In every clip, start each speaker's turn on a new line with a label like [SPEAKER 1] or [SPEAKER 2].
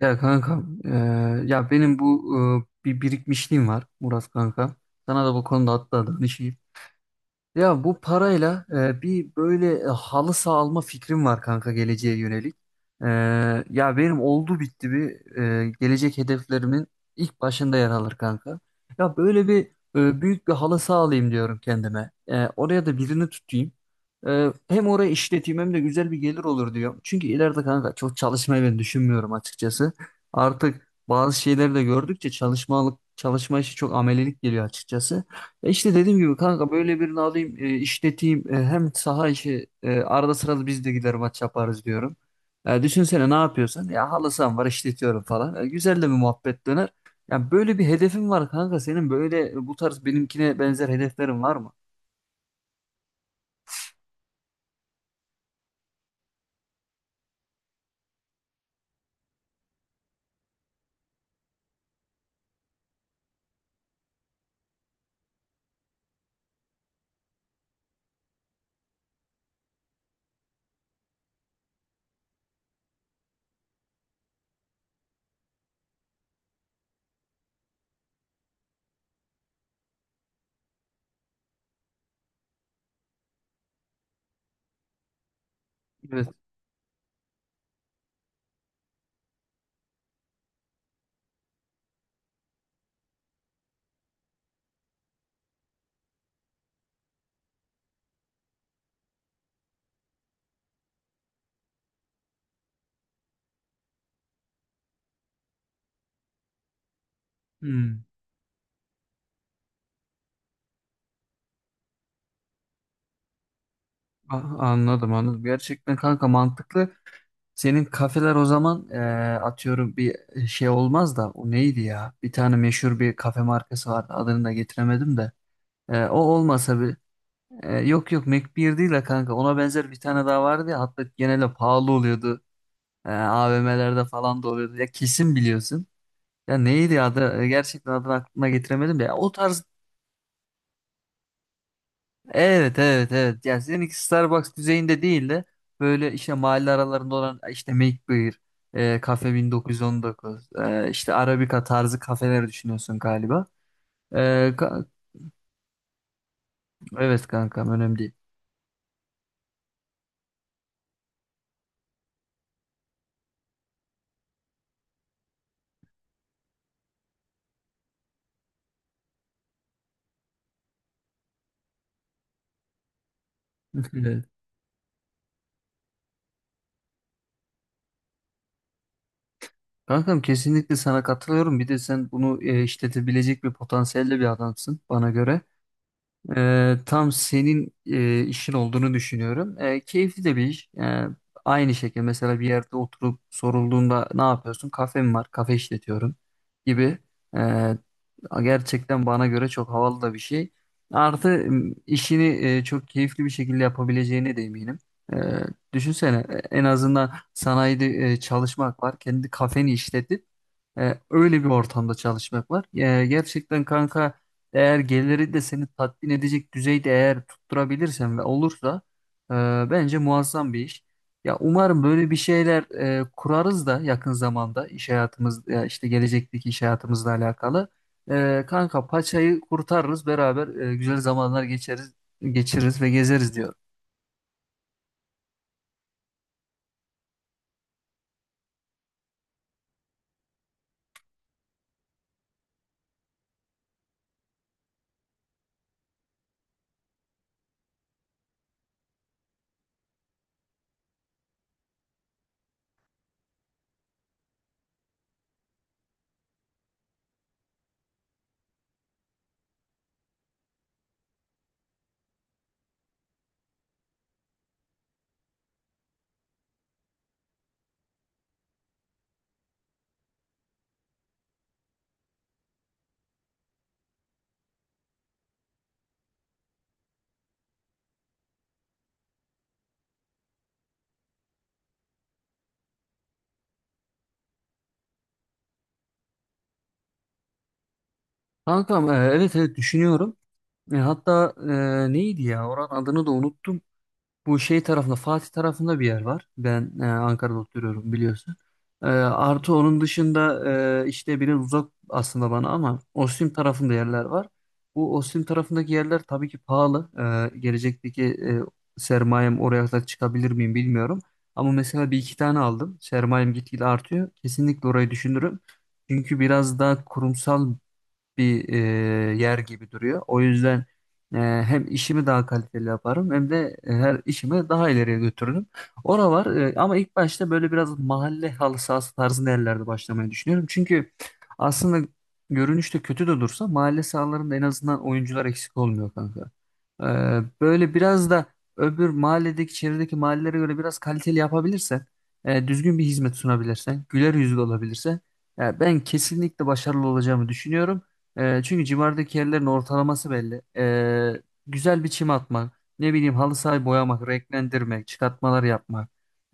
[SPEAKER 1] Ya kanka, ya benim bu bir birikmişliğim var Murat kanka. Sana da bu konuda hatta danışayım. Ya bu parayla bir böyle halı saha alma fikrim var kanka geleceğe yönelik. E, ya benim oldu bitti bir gelecek hedeflerimin ilk başında yer alır kanka. Ya böyle bir büyük bir halı saha alayım diyorum kendime. E, oraya da birini tutayım. Hem orayı işleteyim hem de güzel bir gelir olur diyorum. Çünkü ileride kanka çok çalışmayı ben düşünmüyorum açıkçası. Artık bazı şeyleri de gördükçe çalışmalık çalışma işi çok amelilik geliyor açıkçası. İşte dediğim gibi kanka böyle birini alayım, işleteyim. Hem saha işi arada sırada biz de gider maç yaparız diyorum. Düşünsene ne yapıyorsun? Ya halı saham var, işletiyorum falan. E, güzel de bir muhabbet döner. Yani böyle bir hedefin var kanka senin, böyle bu tarz benimkine benzer hedeflerin var mı? Evet. Hmm. Ah, anladım anladım. Gerçekten kanka mantıklı. Senin kafeler o zaman, atıyorum bir şey olmaz da o neydi ya? Bir tane meşhur bir kafe markası vardı, adını da getiremedim de. E, o olmasa bir… yok yok, Mac 1 değil de kanka, ona benzer bir tane daha vardı ya, hatta genelde pahalı oluyordu. AVM'lerde falan da oluyordu. Ya kesin biliyorsun. Ya neydi adı? Gerçekten adını aklıma getiremedim de. Ya o tarz… Evet evet evet. Ya seninki Starbucks düzeyinde değil de böyle işte mahalle aralarında olan, işte McBeer, Cafe 1919, işte Arabica tarzı kafeler düşünüyorsun galiba. Ee, ka- evet kankam, önemli değil. Kankam kesinlikle sana katılıyorum. Bir de sen bunu işletebilecek bir potansiyelde bir adamsın bana göre. Tam senin işin olduğunu düşünüyorum. E, keyifli de bir iş. Aynı şekilde mesela bir yerde oturup sorulduğunda ne yapıyorsun? Kafem var, kafe işletiyorum gibi. E, gerçekten bana göre çok havalı da bir şey. Artı işini çok keyifli bir şekilde yapabileceğine de eminim. E, düşünsene, en azından sanayide çalışmak var. Kendi kafeni işletip öyle bir ortamda çalışmak var. E, gerçekten kanka, eğer geliri de seni tatmin edecek düzeyde eğer tutturabilirsen ve olursa e, bence muazzam bir iş. Ya umarım böyle bir şeyler kurarız da yakın zamanda, iş hayatımız ya işte gelecekteki iş hayatımızla alakalı. E, kanka paçayı kurtarırız beraber, güzel zamanlar geçiririz ve gezeriz diyorum. Kankam, evet evet düşünüyorum. Hatta neydi ya, oranın adını da unuttum. Bu şey tarafında, Fatih tarafında bir yer var. Ben Ankara'da oturuyorum biliyorsun. Artı onun dışında işte biraz uzak aslında bana, ama Ostim tarafında yerler var. Bu Ostim tarafındaki yerler tabii ki pahalı. Gelecekteki sermayem oraya kadar çıkabilir miyim bilmiyorum. Ama mesela bir iki tane aldım, sermayem gitgide artıyor, kesinlikle orayı düşünürüm. Çünkü biraz daha kurumsal bir yer gibi duruyor. O yüzden e, hem işimi daha kaliteli yaparım, hem de her işimi daha ileriye götürürüm. Ora var ama ilk başta böyle biraz mahalle halı sahası tarzında yerlerde başlamayı düşünüyorum. Çünkü aslında görünüşte kötü de dursa, mahalle sahalarında en azından oyuncular eksik olmuyor kanka. E, böyle biraz da öbür mahalledeki, çevredeki mahallelere göre biraz kaliteli yapabilirsen, düzgün bir hizmet sunabilirsen, güler yüzlü olabilirsen, ya ben kesinlikle başarılı olacağımı düşünüyorum. Çünkü civardaki yerlerin ortalaması belli. Güzel bir çim atmak, ne bileyim halı sahayı boyamak, renklendirmek, çıkartmalar yapmak,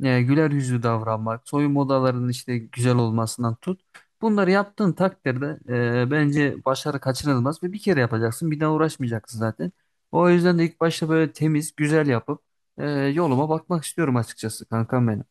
[SPEAKER 1] güler yüzlü davranmak, soyunma odalarının işte güzel olmasından tut. Bunları yaptığın takdirde bence başarı kaçınılmaz, ve bir kere yapacaksın, bir daha uğraşmayacaksın zaten. O yüzden de ilk başta böyle temiz, güzel yapıp yoluma bakmak istiyorum açıkçası kankam benim.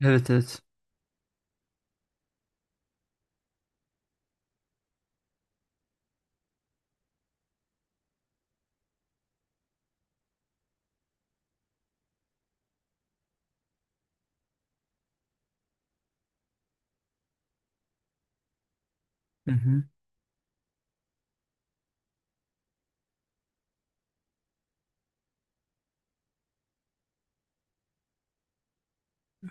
[SPEAKER 1] Evet evet. Hı hı.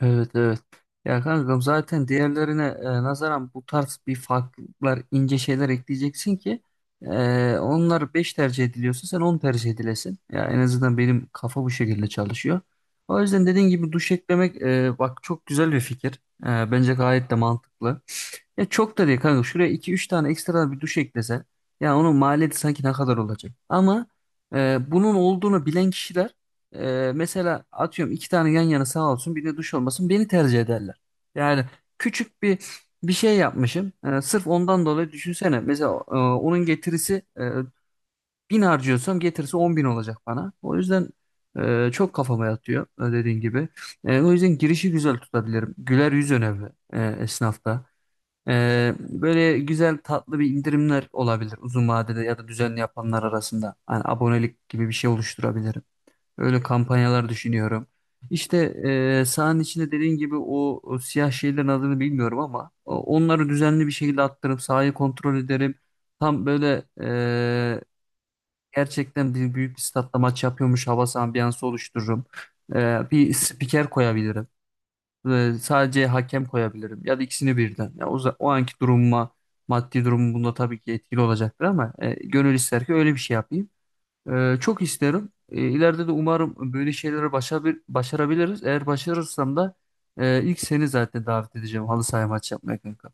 [SPEAKER 1] Evet evet. Ya kankam, zaten diğerlerine nazaran bu tarz bir farklar, ince şeyler ekleyeceksin ki e, onlar 5 tercih ediliyorsa sen 10 tercih edilesin. Ya en azından benim kafa bu şekilde çalışıyor. O yüzden dediğin gibi duş eklemek, bak çok güzel bir fikir. E, bence gayet de mantıklı. Ya çok da değil kanka, şuraya iki üç tane ekstra bir duş eklese, ya onun maliyeti sanki ne kadar olacak. Ama bunun olduğunu bilen kişiler, mesela atıyorum iki tane yan yana sağ olsun bir de duş olmasın, beni tercih ederler. Yani küçük bir şey yapmışım. Sırf ondan dolayı düşünsene. Mesela onun getirisi, bin harcıyorsam getirisi on bin olacak bana. O yüzden çok kafama yatıyor, dediğin gibi. O yüzden girişi güzel tutabilirim. Güler yüz önemli esnafta. Böyle güzel tatlı bir indirimler olabilir uzun vadede ya da düzenli yapanlar arasında. Hani abonelik gibi bir şey oluşturabilirim. Öyle kampanyalar düşünüyorum. İşte sahanın içinde dediğin gibi o siyah şeylerin adını bilmiyorum ama onları düzenli bir şekilde attırıp sahayı kontrol ederim. Tam böyle gerçekten büyük bir statta maç yapıyormuş havası, ambiyansı oluştururum. Bir spiker koyabilirim. Sadece hakem koyabilirim ya da ikisini birden. O anki durumuma, maddi durumum bunda tabii ki etkili olacaktır, ama gönül ister ki öyle bir şey yapayım. Çok isterim. İleride de umarım böyle şeyleri başarabiliriz. Eğer başarırsam da ilk seni zaten davet edeceğim halı saha maçı yapmaya kanka.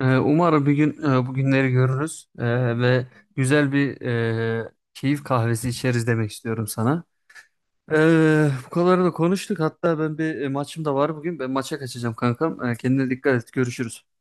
[SPEAKER 1] Umarım bir gün bu günleri görürüz. Ve güzel bir keyif kahvesi içeriz demek istiyorum sana. Bu kadarını da konuştuk. Hatta ben bir maçım da var bugün. Ben maça kaçacağım kankam. Kendine dikkat et. Görüşürüz.